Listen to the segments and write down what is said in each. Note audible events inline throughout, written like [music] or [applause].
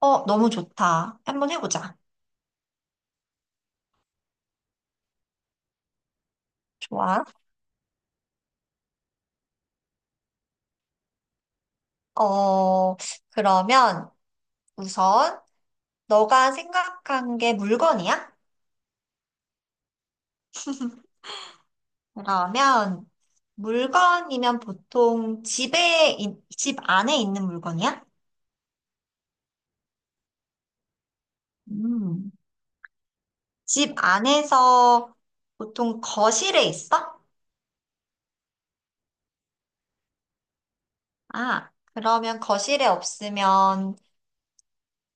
너무 좋다. 한 번 해보자. 좋아. 어, 그러면 우선 너가 생각한 게 물건이야? 그러면 물건이면 보통 집 안에 있는 물건이야? 음. 집 안에서 보통 거실에 있어? 아, 그러면 거실에 없으면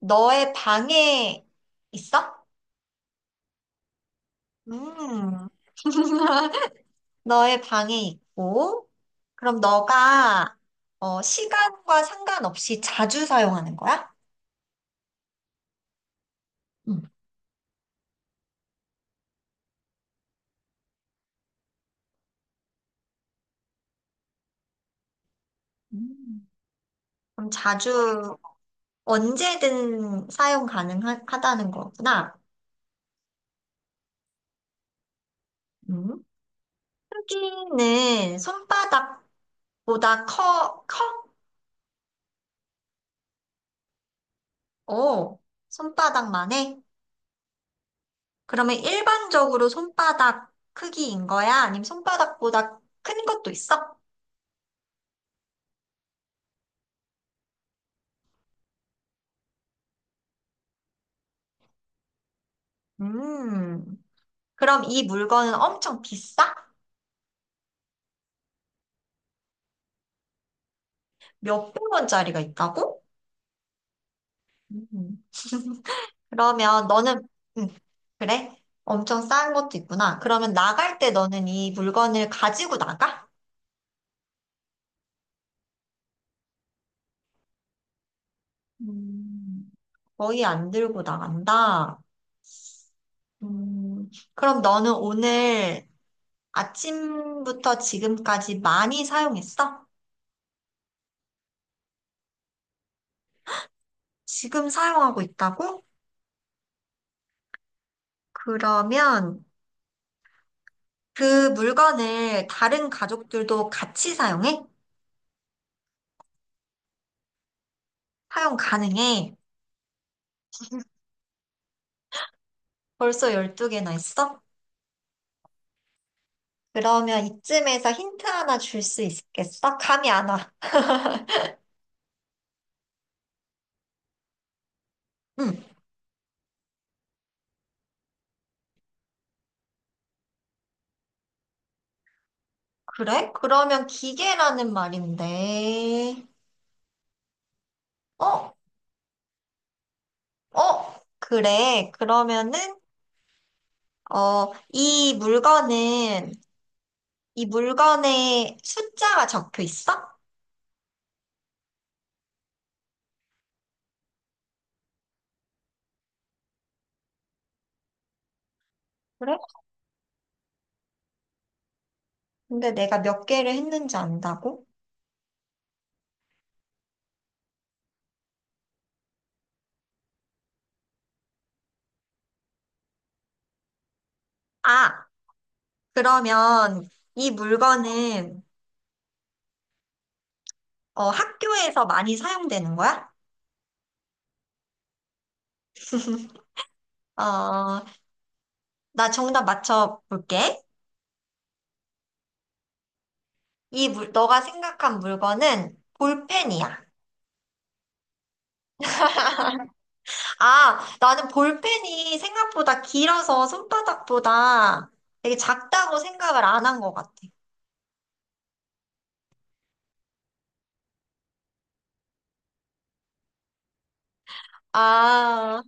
너의 방에 있어? 음. [laughs] 너의 방에 있고, 그럼 너가 시간과 상관없이 자주 사용하는 거야? 응. 음. 그럼 자주 언제든 사용 가능하다는 거구나. 음. 크기는 손바닥보다 커? 오, 손바닥만 해? 그러면 일반적으로 손바닥 크기인 거야? 아니면 손바닥보다 큰 것도 있어? 음, 그럼 이 물건은 엄청 비싸? 몇백 원짜리가 있다고? 음. 그러면 너는, 음, 그래? 엄청 싼 것도 있구나. 그러면 나갈 때 너는 이 물건을 가지고 나가? 음. 거의 안 들고 나간다. 음, 그럼 너는 오늘 아침부터 지금까지 많이 사용했어? 지금 사용하고 있다고? 그러면 그 물건을 다른 가족들도 같이 사용해? 사용 가능해? 벌써 12개나 있어? 그러면 이쯤에서 힌트 하나 줄 수 있겠어? 감이 안 와. 응, 그래? 그러면 기계라는 말인데, 어, 그래. 그러면은, 이 물건은, 이 물건에 숫자가 적혀 있어? 그래? 근데 내가 몇 개를 했는지 안다고? 아, 그러면 이 물건은, 학교에서 많이 사용되는 거야? 어, 나 정답 맞춰볼게. 너가 생각한 물건은 볼펜이야. 아, 나는 볼펜이 생각보다 길어서 손바닥보다 되게 작다고 생각을 안 한 것 같아. 아,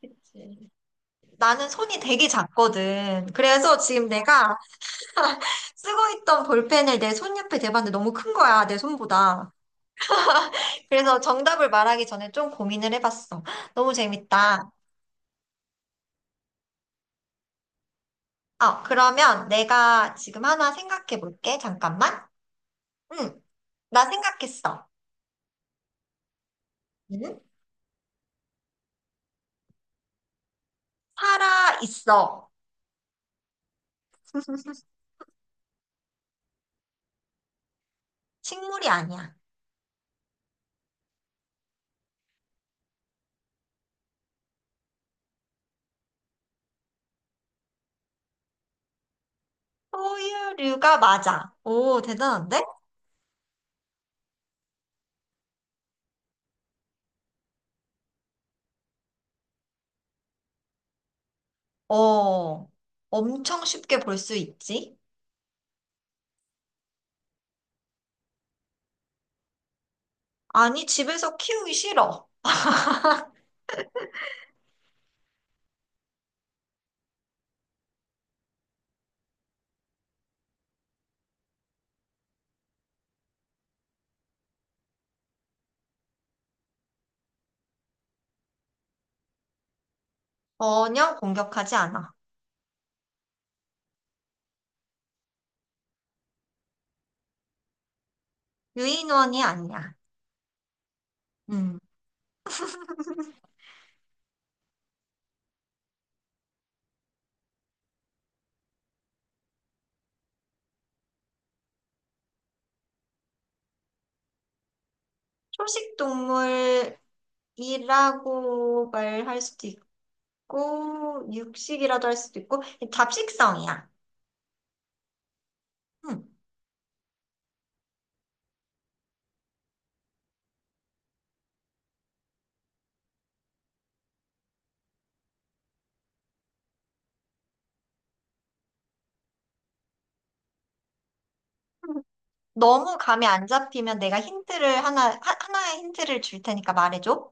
그치. 나는 손이 되게 작거든. 그래서 지금 내가 쓰고 있던 볼펜을 내 손 옆에 대봤는데 너무 큰 거야, 내 손보다. 그래서 정답을 말하기 전에 좀 고민을 해봤어. 너무 재밌다. 아, 그러면 내가 지금 하나 생각해 볼게. 잠깐만. 응, 나 생각했어. 응? 살아 있어. 식물이 아니야. 포유류가 맞아. 오, 대단한데? 어, 엄청 쉽게 볼 수 있지? 아니, 집에서 키우기 싫어. 전혀 공격하지 않아. 유인원이 아니야. 음, 초식 동물이라고 말할 수도 있고, 육식이라도 할 수도 있고, 잡식성이야. 음. 너무 감이 안 잡히면 내가 힌트를 하나의 힌트를 줄 테니까 말해줘.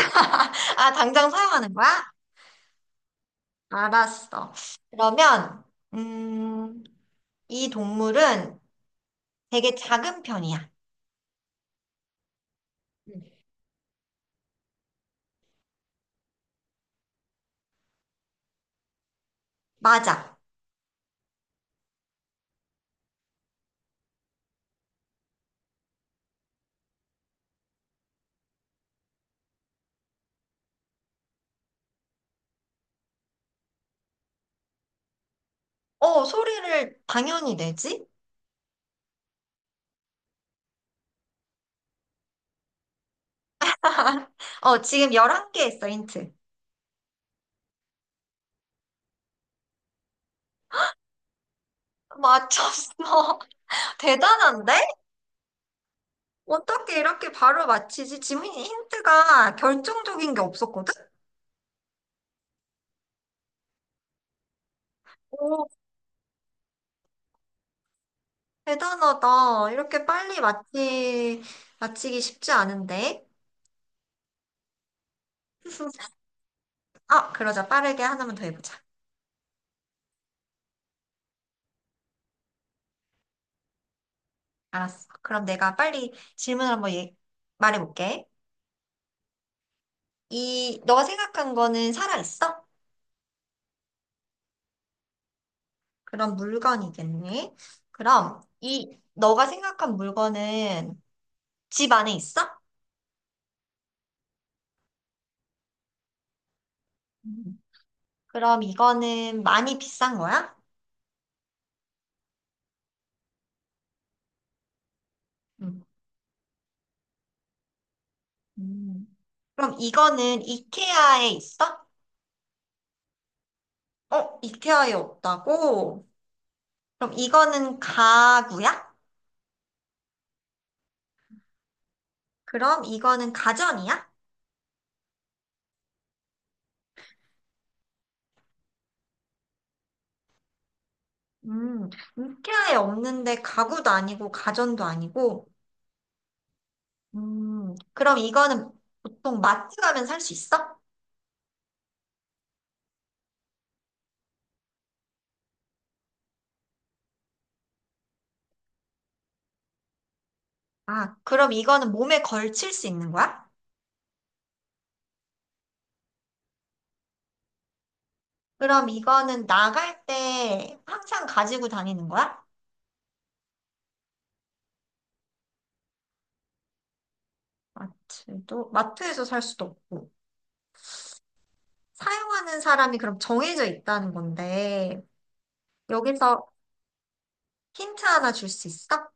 [laughs] 아, 당장 사용하는 거야? 알았어. 그러면, 음, 이 동물은 되게 작은 편이야. 음. 맞아. 어, 소리를 당연히 내지? [laughs] 어, 지금 11개 했어, 힌트. 맞췄어. [laughs] 대단한데? 어떻게 이렇게 바로 맞히지? 지금 힌트가 결정적인 게 없었거든? 오, 대단하다. 맞히기 쉽지 않은데? 아, 그러자. 빠르게 하나만 더 해보자. 알았어. 그럼 내가 빨리 질문을 말해볼게. 이, 너가 생각한 거는 살아있어? 그럼 물건이겠니? 그럼 이, 너가 생각한 물건은 집 안에 있어? 음. 그럼 이거는 많이 비싼 거야? 음. 음. 그럼 이거는 이케아에 있어? 어, 이케아에 없다고? 그럼 이거는 가구야? 그럼 이거는 가전이야? 음, 이케아에 없는데 가구도 아니고 가전도 아니고 그럼 이거는 보통 마트 가면 살 수 있어? 아, 그럼 이거는 몸에 걸칠 수 있는 거야? 그럼 이거는 나갈 때 항상 가지고 다니는 거야? 마트에서 살 수도 없고. 사용하는 사람이 그럼 정해져 있다는 건데, 여기서 힌트 하나 줄 수 있어?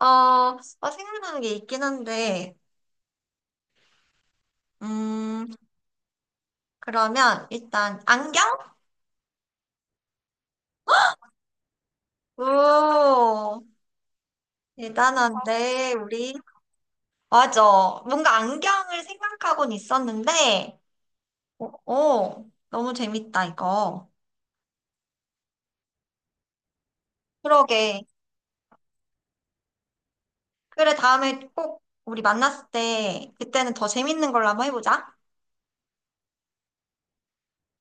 어, 생각나는 게 있긴 한데, 음, 그러면 일단 안경? 오, 대단한데, 우리. 맞아. 뭔가 안경을 생각하곤 있었는데, 어, 너무 재밌다, 이거. 그러게. 그래, 다음에 꼭 우리 만났을 때, 그때는 더 재밌는 걸로 한번 해보자.